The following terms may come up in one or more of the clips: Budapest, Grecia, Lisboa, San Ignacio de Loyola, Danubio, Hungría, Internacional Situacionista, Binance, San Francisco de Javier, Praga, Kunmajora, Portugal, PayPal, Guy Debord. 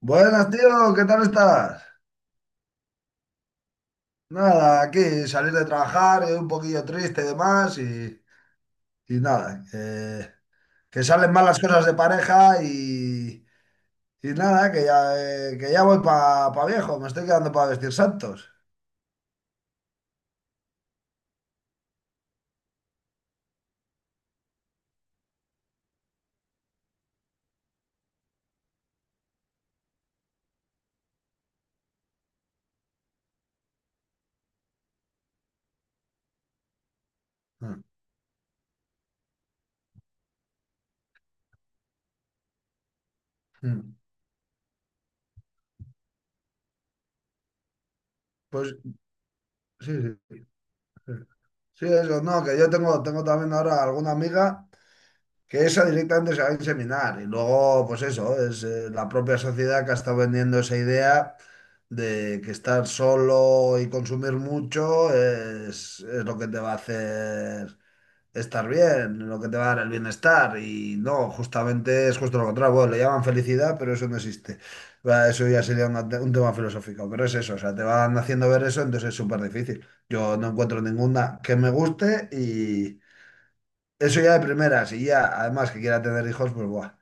Buenas, tío, ¿qué tal estás? Nada, aquí salir de trabajar, un poquillo triste y demás, y nada, que salen mal las cosas de pareja y nada, que ya voy para viejo, me estoy quedando para vestir santos. Mm, mm. Pues sí, sí, sí, sí, eso, no, que yo tengo también ahora alguna amiga, que esa directamente se va a inseminar. Y luego, pues eso, es la propia sociedad que ha estado vendiendo esa idea de que estar solo y consumir mucho es lo que te va a hacer estar bien, lo que te va a dar el bienestar. Y no, justamente es justo lo contrario. Bueno, le llaman felicidad, pero eso no existe. Va, eso ya sería un tema filosófico, pero es eso, o sea, te van haciendo ver eso, entonces es súper difícil. Yo no encuentro ninguna que me guste eso ya de primeras, y ya, además que quiera tener hijos, pues buah.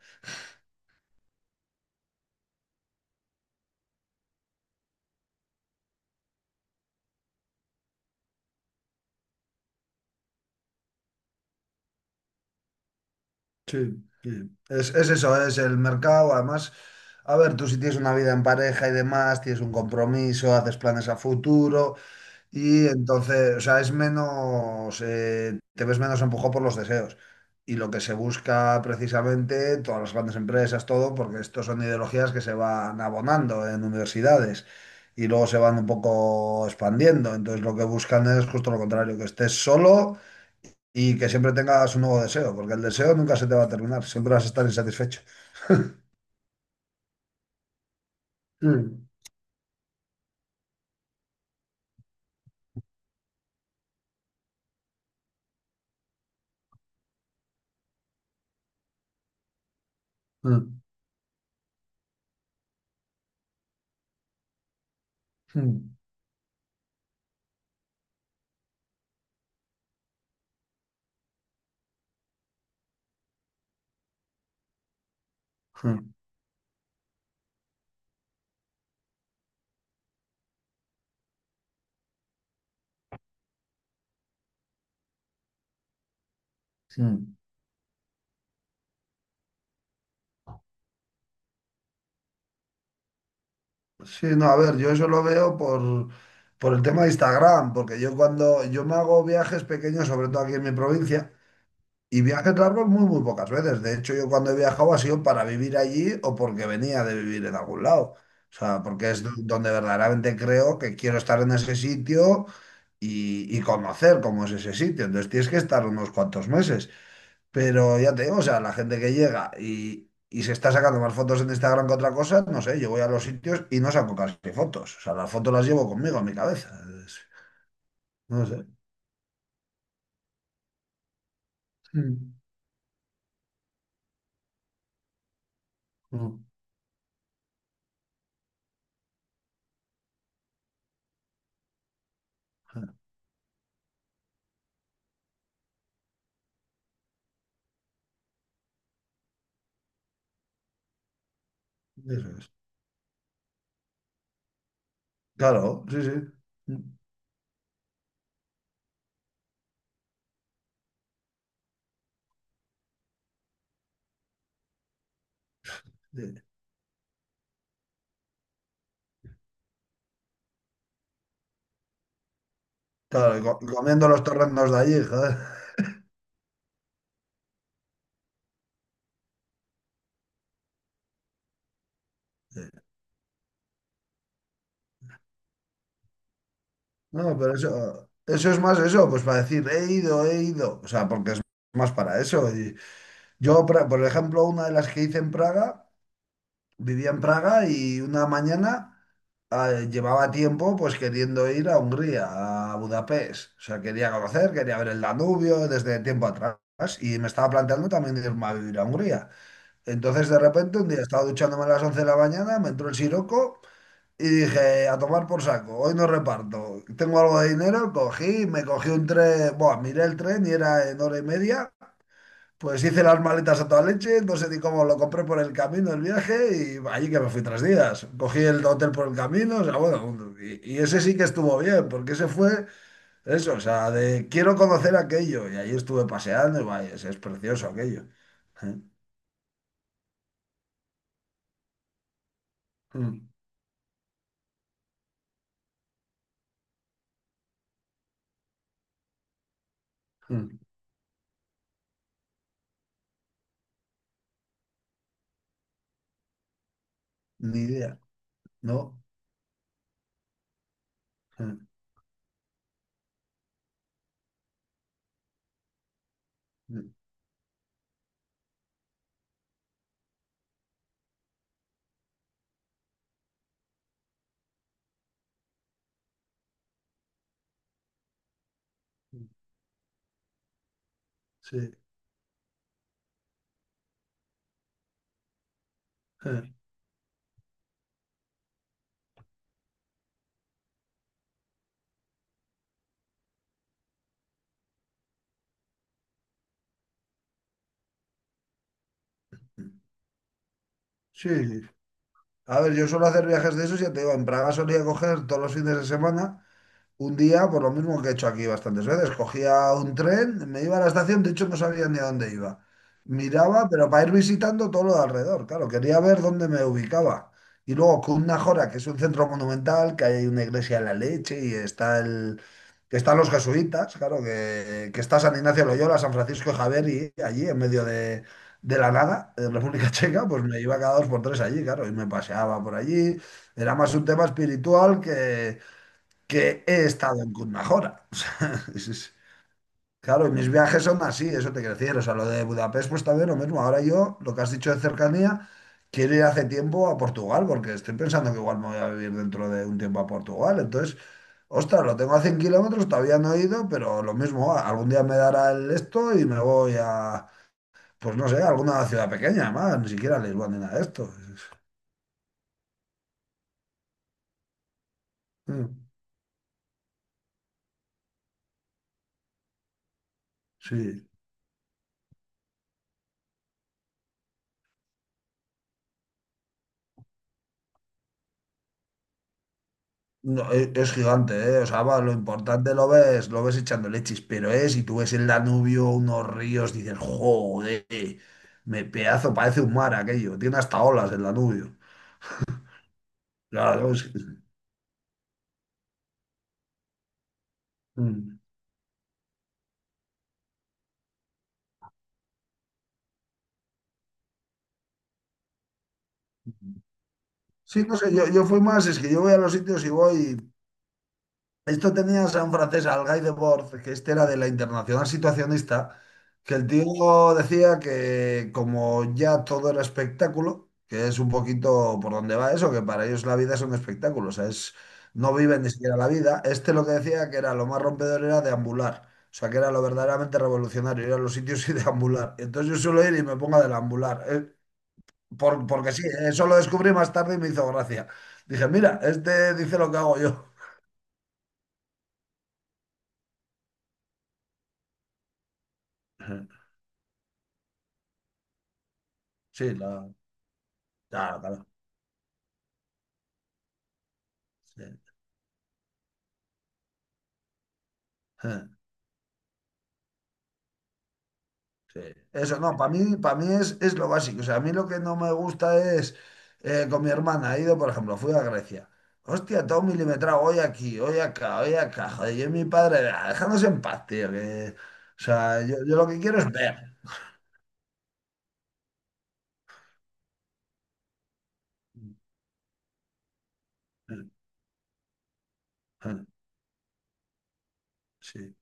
Sí, sí. Es eso, es el mercado. Además, a ver, tú si tienes una vida en pareja y demás, tienes un compromiso, haces planes a futuro, y entonces, o sea, te ves menos empujado por los deseos. Y lo que se busca precisamente, todas las grandes empresas, todo, porque estos son ideologías que se van abonando en universidades y luego se van un poco expandiendo. Entonces, lo que buscan es justo lo contrario, que estés solo. Y que siempre tengas un nuevo deseo, porque el deseo nunca se te va a terminar, siempre vas a estar insatisfecho. Mm, mm, mm, mm, mm. Sí, no, a ver, yo eso lo veo por el tema de Instagram, porque yo cuando yo me hago viajes pequeños, sobre todo aquí en mi provincia. Y viajes largos muy, muy pocas veces. De hecho, yo cuando he viajado ha sido para vivir allí o porque venía de vivir en algún lado. O sea, porque es donde verdaderamente creo que quiero estar en ese sitio y conocer cómo es ese sitio. Entonces tienes que estar unos cuantos meses. Pero ya te digo, o sea, la gente que llega y se está sacando más fotos en Instagram que otra cosa, no sé, yo voy a los sitios y no saco casi fotos. O sea, las fotos las llevo conmigo en mi cabeza. Es- No sé. Mm. Mm. Eso es. Claro, sí, sí. Mm. Sí. Claro, y comiendo los torrendos de allí, joder. Sí. No, pero eso, es más eso, pues para decir, he ido, he ido. O sea, porque es más para eso. Y yo, por ejemplo, una de las que hice en Praga, vivía en Praga y una mañana llevaba tiempo pues queriendo ir a Hungría, a Budapest. O sea, quería conocer, quería ver el Danubio desde tiempo atrás. Y me estaba planteando también irme a vivir a Hungría. Entonces, de repente, un día estaba duchándome a las 11 de la mañana, me entró el siroco. Y dije, a tomar por saco, hoy no reparto. Tengo algo de dinero, cogí, me cogí un tren, bueno, miré el tren y era en hora y media. Pues hice las maletas a toda leche, no sé ni cómo lo compré por el camino, el viaje, y allí que me fui 3 días. Cogí el hotel por el camino, o sea, bueno, y ese sí que estuvo bien, porque ese fue eso, o sea, de quiero conocer aquello, y ahí estuve paseando, y vaya, es precioso aquello. Eh, mm, mm. Ni idea, ¿no? Eh, mm, Sí, eh, sí. A ver, yo suelo hacer viajes de esos, ya te digo, en Praga solía coger todos los fines de semana un día, por lo mismo que he hecho aquí bastantes veces, cogía un tren, me iba a la estación, de hecho no sabía ni a dónde iba. Miraba, pero para ir visitando todo lo de alrededor, claro, quería ver dónde me ubicaba. Y luego Cundnajora, que es un centro monumental, que hay una iglesia de la leche y que están los jesuitas, claro, que está San Ignacio de Loyola, San Francisco de Javier y allí en medio de la nada, en República Checa, pues me iba cada dos por tres allí, claro, y me paseaba por allí. Era más un tema espiritual que he estado en Kunmajora. O sea, claro, y mis viajes son así, eso te quiero decir. O sea, lo de Budapest, pues también lo mismo. Ahora yo, lo que has dicho de cercanía, quiero ir hace tiempo a Portugal, porque estoy pensando que igual me voy a vivir dentro de un tiempo a Portugal. Entonces, ostras, lo tengo a 100 kilómetros, todavía no he ido, pero lo mismo, ah, algún día me dará el esto y me voy a, pues no sé, a alguna ciudad pequeña, más, ni siquiera a Lisboa ni nada de esto. Mm. Sí. No, es gigante, ¿eh? O sea, va, lo importante lo ves echando leches, pero es, si tú ves el Danubio, unos ríos, dices, joder, me pedazo, parece un mar aquello, tiene hasta olas el Danubio. Claro, Mm. Sí, no sé, yo fui más, es que yo voy a los sitios y voy. Esto tenías a un francés, al Guy Debord, que este era de la Internacional Situacionista, que el tío decía que como ya todo era espectáculo, que es un poquito por donde va eso, que para ellos la vida es un espectáculo, o sea, es, no viven ni siquiera la vida. Este lo que decía que era lo más rompedor era deambular, o sea, que era lo verdaderamente revolucionario, ir a los sitios y deambular. Entonces yo suelo ir y me pongo a deambular, porque sí, eso lo descubrí más tarde y me hizo gracia. Dije, mira, este dice lo que hago yo. Sí. Claro, claro. Sí. Eh, sí. Eso, no, para mí es lo básico. O sea, a mí lo que no me gusta es con mi hermana. He ido, por ejemplo, fui a Grecia. Hostia, todo milimetrado, hoy aquí, hoy acá, hoy acá. Joder, yo y mi padre, "Ah, dejadnos en paz, tío. O sea, yo, lo que quiero es ver." Eh, eh, Sí,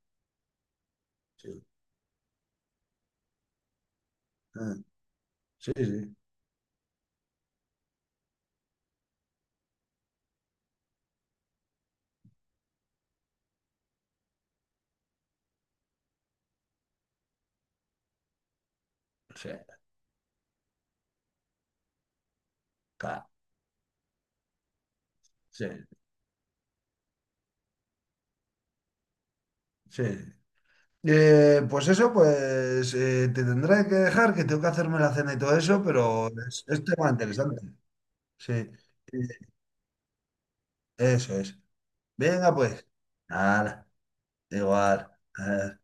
sí, eh, sí, sí, sí, claro, sí, sí. Pues eso, pues te tendré que dejar, que tengo que hacerme la cena y todo eso, pero es tema interesante. Sí, eso es. Venga, pues. Nada, igual. eh,